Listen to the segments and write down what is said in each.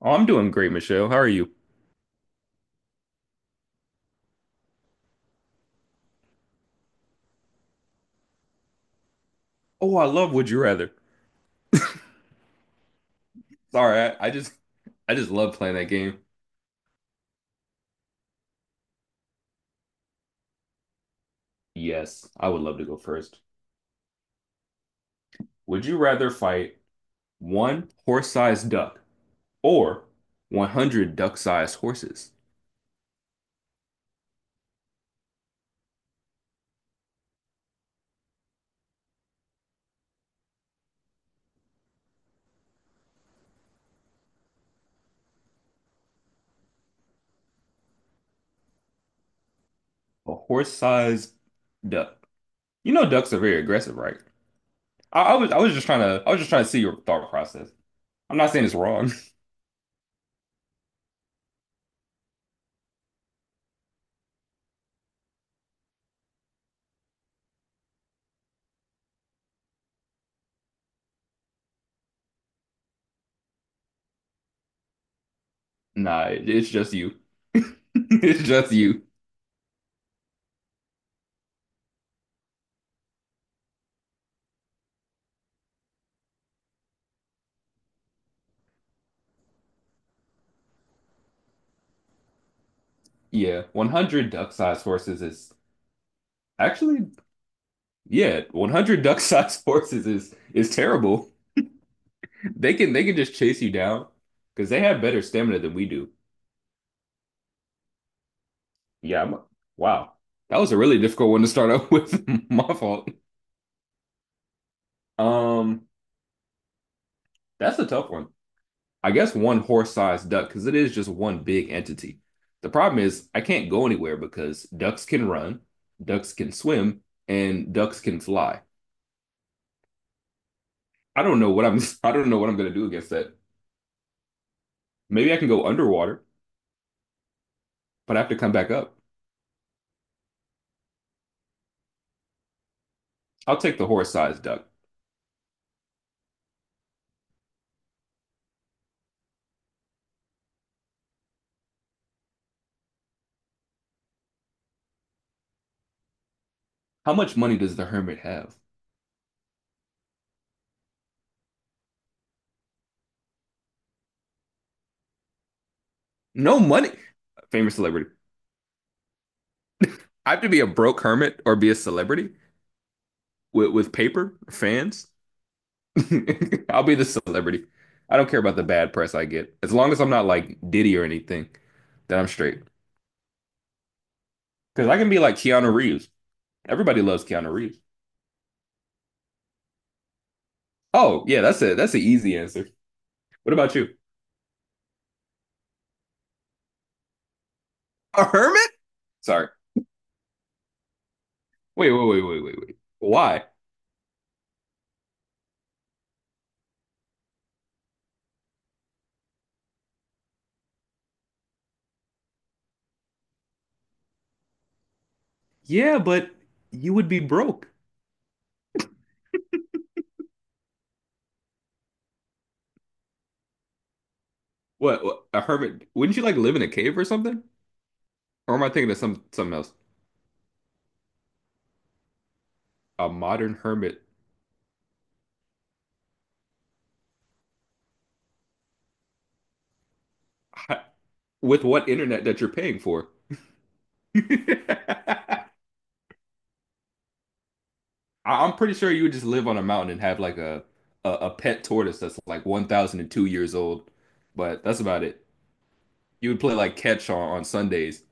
Oh, I'm doing great, Michelle. How are you? Oh, I love Would You Rather. Sorry, I just love playing that game. Yes, I would love to go first. Would you rather fight one horse-sized duck or 100 duck-sized horses? A horse-sized duck. You know ducks are very aggressive, right? I was just trying to I was just trying to see your thought process. I'm not saying it's wrong. Nah, it's just you. It's just you. Yeah, 100 duck-sized horses is actually Yeah, 100 duck-sized horses is terrible. They can just chase you down because they have better stamina than we do. Yeah, I'm, wow. That was a really difficult one to start up with. My fault. Um, that's a tough one. I guess one horse-sized duck because it is just one big entity. The problem is I can't go anywhere because ducks can run, ducks can swim, and ducks can fly. I don't know what I'm I don't know what I'm gonna do against that. Maybe I can go underwater, but I have to come back up. I'll take the horse-sized duck. How much money does the hermit have? No money. Famous celebrity. I have to be a broke hermit or be a celebrity with paper fans. I'll be the celebrity. I don't care about the bad press I get. As long as I'm not like Diddy or anything, then I'm straight. Because I can be like Keanu Reeves. Everybody loves Keanu Reeves. Oh, yeah, that's it. That's an easy answer. What about you? A hermit? Sorry. Wait, wait, wait, wait, wait, wait. Why? Yeah, but you would be broke. What, a hermit? Wouldn't you like live in a cave or something? Or am I thinking of something else? A modern hermit with what internet that you're paying for? I- I'm pretty sure you would just live on a mountain and have like a a pet tortoise that's like 1,002 years old, but that's about it. You would play like catch on Sundays,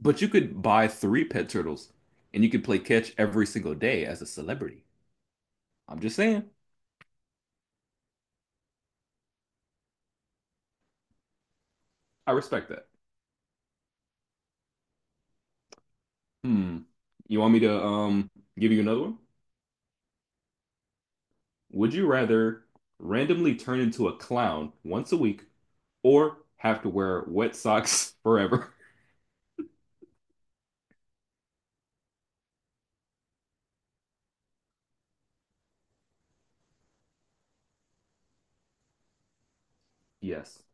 but you could buy three pet turtles and you could play catch every single day as a celebrity. I'm just saying, I respect that. Hmm. You want me to give you another one? Would you rather randomly turn into a clown once a week or have to wear wet socks forever? Yes.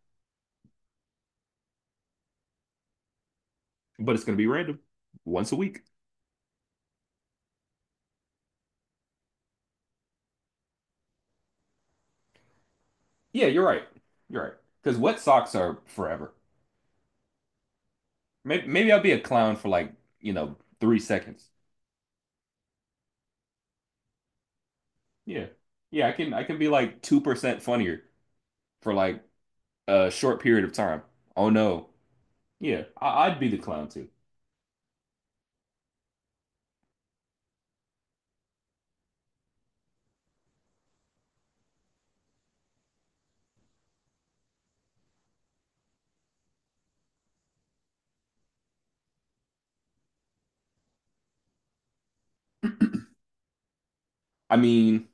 But it's going to be random once a week. Yeah, you're right. You're right. Because wet socks are forever. Maybe I'll be a clown for like, you know, 3 seconds. Yeah. Yeah, I can be like 2% funnier for like a short period of time. Oh no. Yeah, I'd be the clown too. I mean,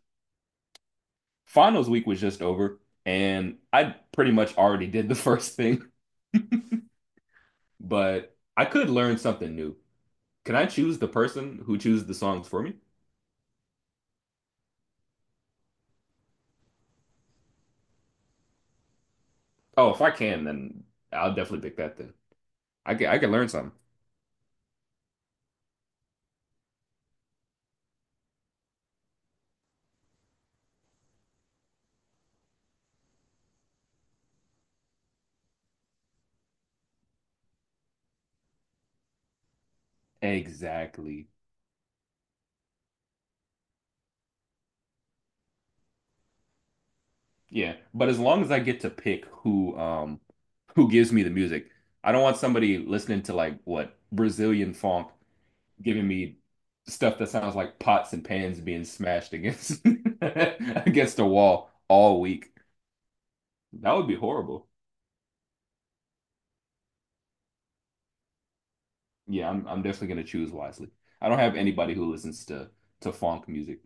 finals week was just over, and I pretty much already did the first thing. But I could learn something new. Can I choose the person who chooses the songs for me? Oh, if I can, then I'll definitely pick that then. I can learn something. Exactly. Yeah, but as long as I get to pick who gives me the music. I don't want somebody listening to like what Brazilian funk giving me stuff that sounds like pots and pans being smashed against against a wall all week. That would be horrible. Yeah, I'm definitely gonna choose wisely. I don't have anybody who listens to funk music.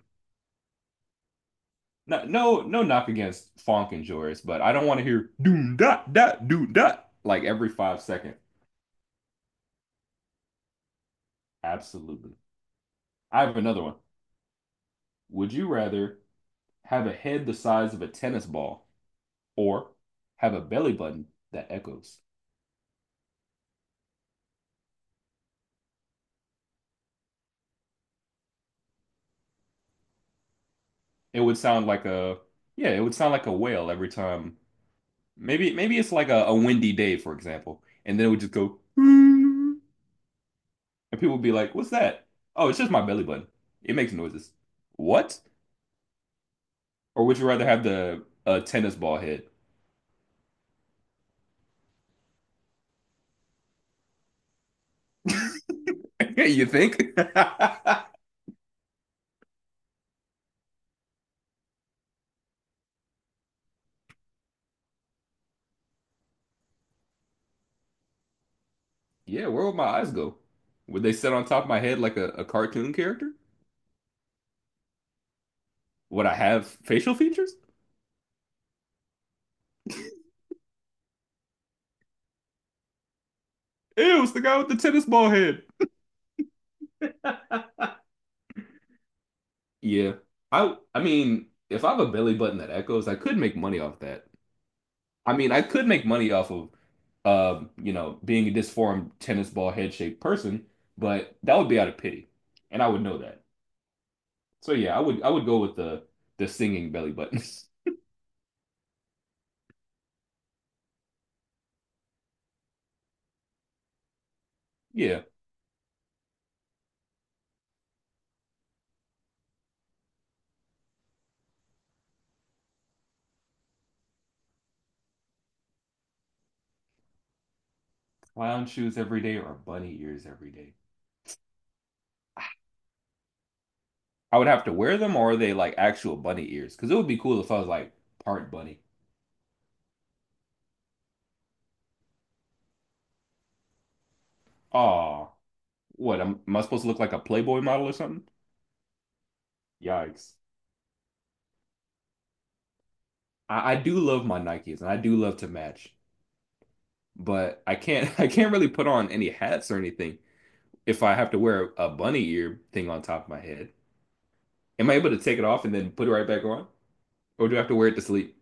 No, no, no knock against funk and Joris, but I don't want to hear doom dot dot doom dot like every 5 second. Absolutely. I have another one. Would you rather have a head the size of a tennis ball or have a belly button that echoes? It would sound like a yeah, it would sound like a whale every time. Maybe it's like a windy day, for example, and then it would just go. And people would be like, "What's that?" "Oh, it's just my belly button. It makes noises." "What?" Or would you rather have the tennis ball head? You think? Yeah, where would my eyes go? Would they sit on top of my head like a cartoon character? Would I have facial features? Ew, it's the guy with the tennis ball head. Yeah. I mean, if I have a belly button that echoes, I could make money off that. I mean, I could make money off of, you know, being a disformed tennis ball head shaped person, but that would be out of pity, and I would know that. So yeah, I would go with the singing belly buttons. Yeah, clown shoes every day or bunny ears every day. I would have to wear them, or are they like actual bunny ears? Because it would be cool if I was like part bunny. Aw, what? Am I supposed to look like a Playboy model or something? Yikes. I do love my Nikes, and I do love to match. But I can't I can't really put on any hats or anything if I have to wear a bunny ear thing on top of my head. Am I able to take it off and then put it right back on? Or do I have to wear it to sleep?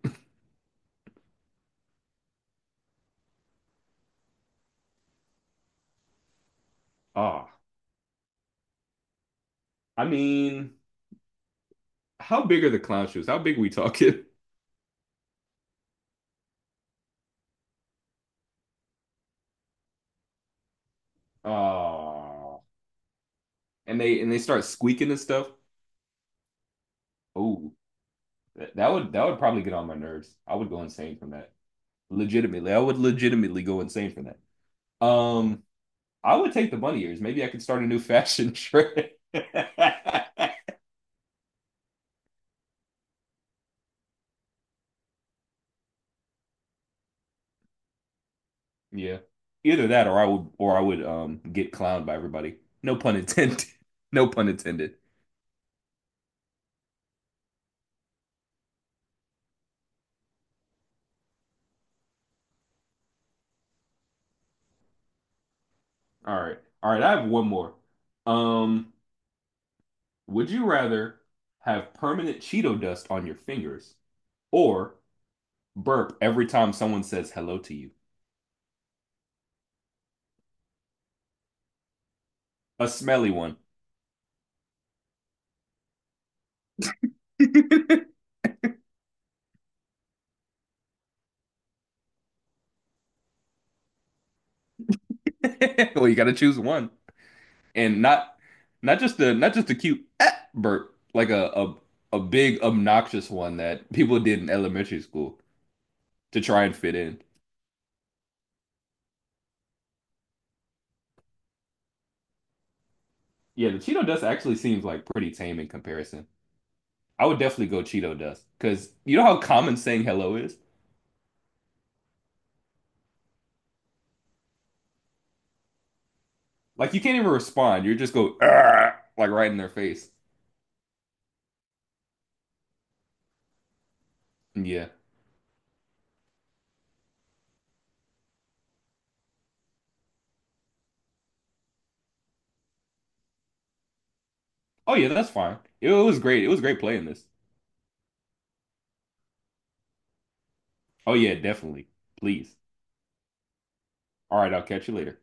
Ah, oh, I mean, how big are the clown shoes? How big are we talking? Ah, and they start squeaking and stuff. Oh, that would probably get on my nerves. I would go insane from that. Legitimately, I would legitimately go insane from that. I would take the bunny ears. Maybe I could start a new fashion trend. Yeah. Either that or I would get clowned by everybody. No pun intended. No pun intended. All right. All right, I have one more. Um, would you rather have permanent Cheeto dust on your fingers or burp every time someone says hello to you? A smelly one. Well, you gotta choose one. And not just a cute "Ah," burp, like a big obnoxious one that people did in elementary school to try and fit in. Yeah, the Cheeto dust actually seems like pretty tame in comparison. I would definitely go Cheeto dust because you know how common saying hello is? Like you can't even respond. You just go "Argh," like right in their face. Yeah. Oh yeah, that's fine. It was great. It was great playing this. Oh yeah, definitely. Please. All right, I'll catch you later.